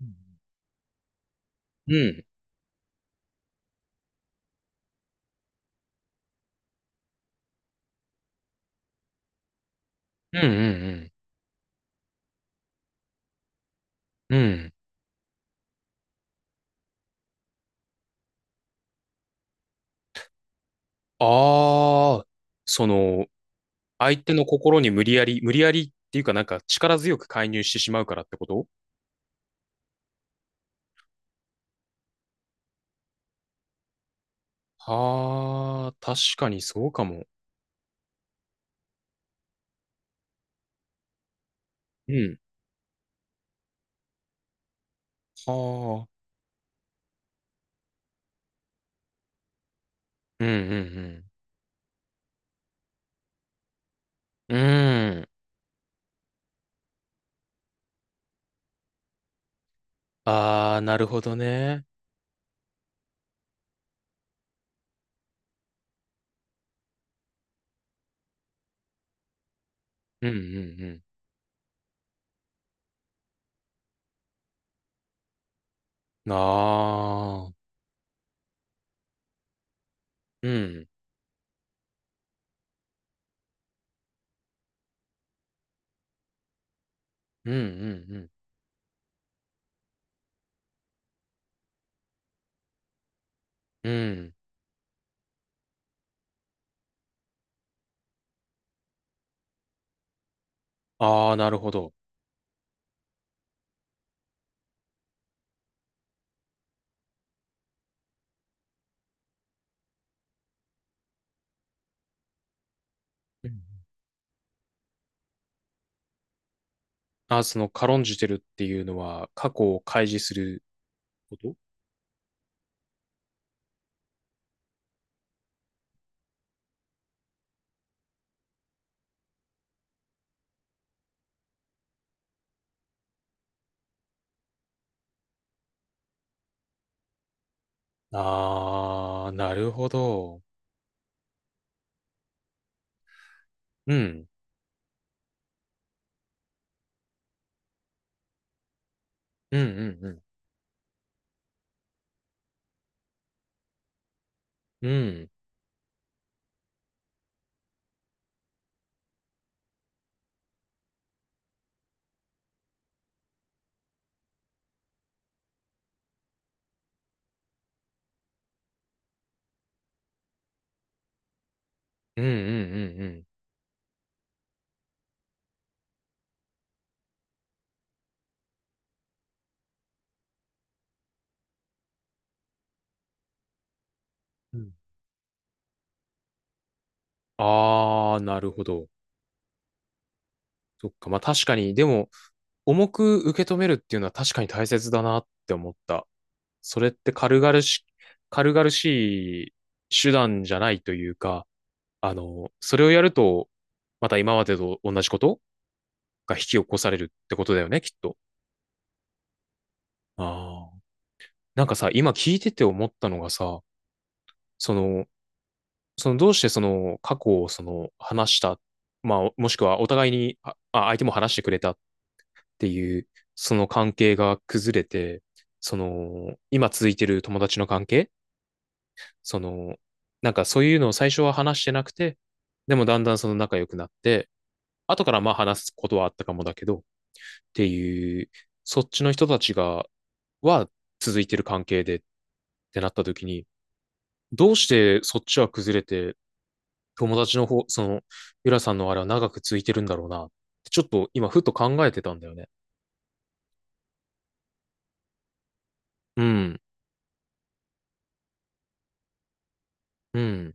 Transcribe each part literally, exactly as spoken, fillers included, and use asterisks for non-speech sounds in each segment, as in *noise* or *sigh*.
うん。うん、うん、うん。うん。ああ、その、相手の心に無理やり、無理やりっていうかなんか力強く介入してしまうからってことは、あ、確かにそうかも。うん。はあ。うんうんうん。うん。ああ、なるほどね。うんうんうん。ああ。うん。うんうんうん。うん。ああ、なるほど。うん、ああ、その軽んじてるっていうのは過去を開示すること、ああ、なるほど。うん。うんうんうん。うん。うんうんうんうん。うん。ああー、なるほど。そっか。まあ確かに、でも、重く受け止めるっていうのは確かに大切だなって思った。それって軽々し、軽々しい手段じゃないというか、あの、それをやると、また今までと同じことが引き起こされるってことだよね、きっと。ああ。なんかさ、今聞いてて思ったのがさ、その、そのどうしてその過去をその話した、まあ、もしくはお互いに、あ、あ相手も話してくれたっていう、その関係が崩れて、その、今続いてる友達の関係、その、なんかそういうのを最初は話してなくて、でもだんだんその仲良くなって、後からまあ話すことはあったかもだけど、っていう、そっちの人たちが、は続いてる関係でってなった時に、どうしてそっちは崩れて、友達の方、その、ゆらさんのあれは長く続いてるんだろうな。ちょっと今、ふっと考えてたんだよね。うん。うん。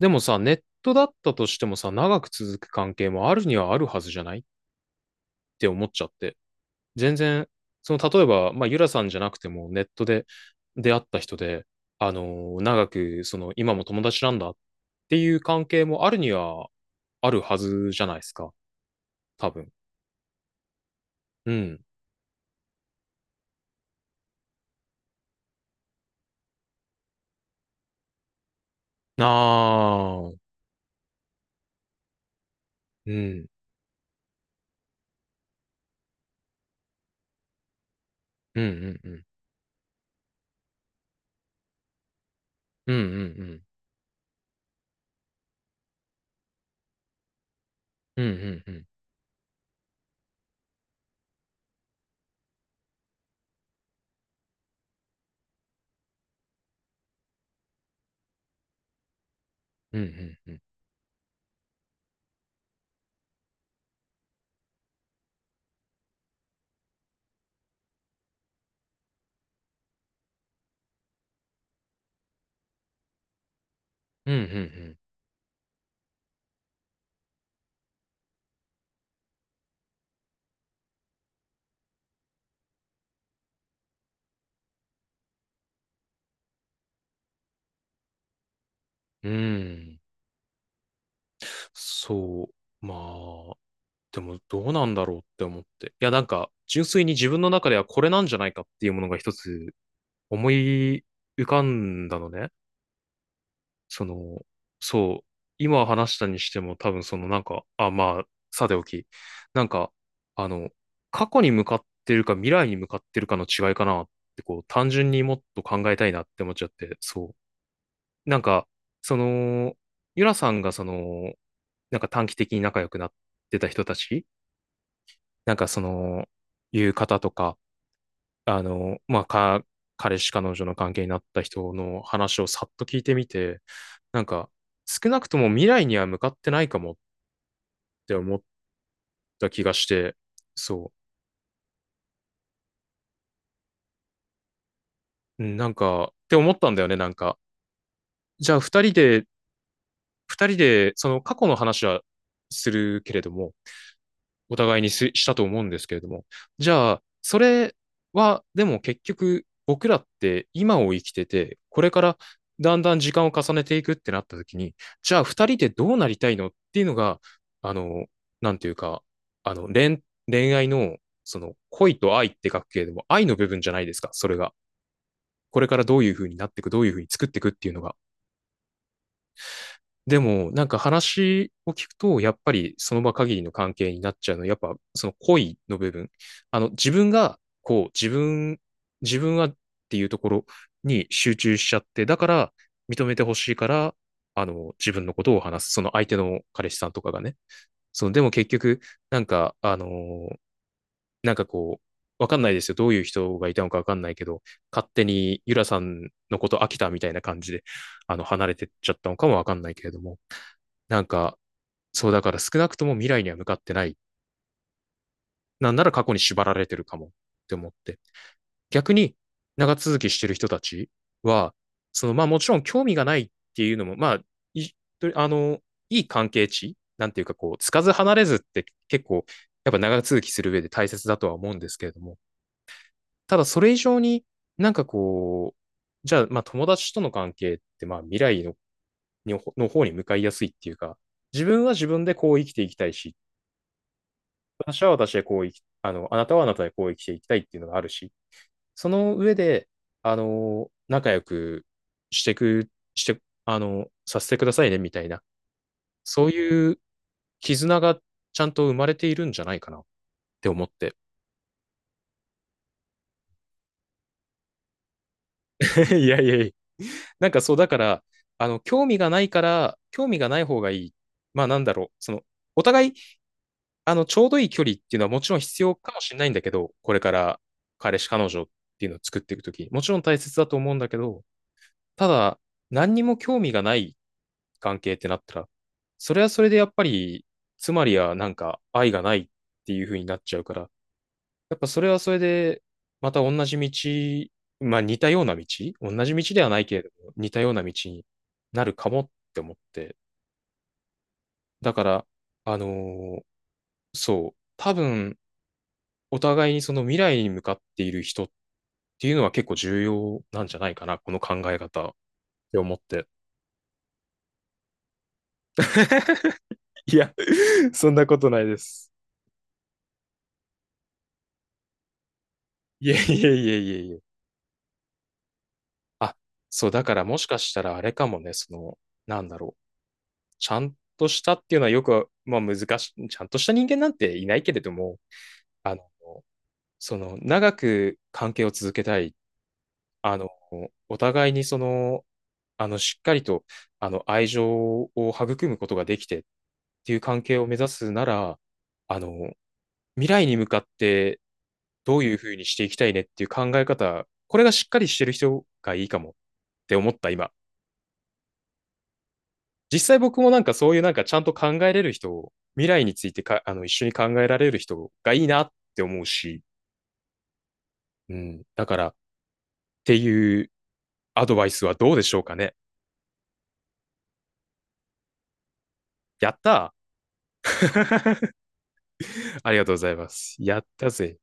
でもさ、ネットだったとしてもさ、長く続く関係もあるにはあるはずじゃないって思っちゃって。全然、その、例えば、まあ、ゆらさんじゃなくても、ネットで出会った人で、あのー長く、その、今も友達なんだっていう関係もあるにはあるはずじゃないですか。多分。うん。ああ、うん。うんうんうん。うんうんうん。うんうんうんうんうんうんうんうんうん。そう、まあでもどうなんだろうって思って、いや、なんか純粋に自分の中ではこれなんじゃないかっていうものが一つ思い浮かんだのね。その、そう、今話したにしても、多分その、なんか、あ、まあさておき、なんか、あの、過去に向かってるか未来に向かってるかの違いかなって、こう単純にもっと考えたいなって思っちゃって。そう、なんか、その、ゆらさんがその、なんか短期的に仲良くなってた人たち、なんかその、いう方とか、あの、まあ、か、彼氏彼女の関係になった人の話をさっと聞いてみて、なんか、少なくとも未来には向かってないかもって思った気がして、そう、うん、なんか、って思ったんだよね、なんか。じゃあ、二人で、二人で、その過去の話はするけれども、お互いにししたと思うんですけれども。じゃあ、それは、でも結局、僕らって今を生きてて、これからだんだん時間を重ねていくってなった時に、じゃあ二人でどうなりたいのっていうのが、あの、なんていうか、あの、恋、恋愛の、その、恋と愛って書くけれども、愛の部分じゃないですか、それが。これからどういうふうになっていく、どういうふうに作っていくっていうのが。でも、なんか話を聞くと、やっぱりその場限りの関係になっちゃうの、やっぱその恋の部分。あの、自分が、こう、自分、自分はっていうところに集中しちゃって、だから認めてほしいから、あの、自分のことを話す。その相手の彼氏さんとかがね。その、でも結局、なんか、あのー、なんかこう、わかんないですよ。どういう人がいたのかわかんないけど、勝手にゆらさんのこと飽きたみたいな感じで、あの、離れてっちゃったのかもわかんないけれども。なんか、そうだから少なくとも未来には向かってない。なんなら過去に縛られてるかもって思って。逆に長続きしてる人たちは、その、まあもちろん興味がないっていうのも、まあ、いあの、いい関係値なんていうか、こう、つかず離れずって結構、やっぱ長続きする上で大切だとは思うんですけれども、ただそれ以上に、なんかこう、じゃあまあ友達との関係ってまあ未来のの方に向かいやすいっていうか、自分は自分でこう生きていきたいし、っ私は私でこう生き、あの、あなたはあなたでこう生きていきたいっていうのがあるし、その上で、あの、仲良くしてく、して、あの、させてくださいねみたいな、そういう絆がちゃんと生まれているんじゃないかなって思って。*laughs* いやいやいや、なんかそう、だから、あの、興味がないから、興味がない方がいい。まあなんだろう、その、お互い、あの、ちょうどいい距離っていうのはもちろん必要かもしれないんだけど、これから彼氏、彼女っていうのを作っていくとき、もちろん大切だと思うんだけど、ただ、何にも興味がない関係ってなったら、それはそれでやっぱり、つまりはなんか愛がないっていう風になっちゃうから、やっぱそれはそれで、また同じ道、まあ似たような道、同じ道ではないけれども、似たような道になるかもって思って、だから、あのー、そう、多分、お互いにその未来に向かっている人っていうのは結構重要なんじゃないかな、この考え方って思って。*laughs* いや、そんなことないです。いえいえいえいえいえ。あ、そう、だからもしかしたらあれかもね、その、なんだろう。ちゃんとしたっていうのはよく、まあ難しい、ちゃんとした人間なんていないけれども、あの、その、長く関係を続けたいっ、あの、お互いにその、あの、しっかりと、あの、愛情を育むことができてっていう関係を目指すなら、あの、未来に向かってどういうふうにしていきたいねっていう考え方、これがしっかりしてる人がいいかもって思った今。実際僕もなんかそういうなんかちゃんと考えれる人を、未来についてか、あの、一緒に考えられる人がいいなって思うし、うん。だから、っていうアドバイスはどうでしょうかね。やったー。 *laughs* ありがとうございます。やったぜ。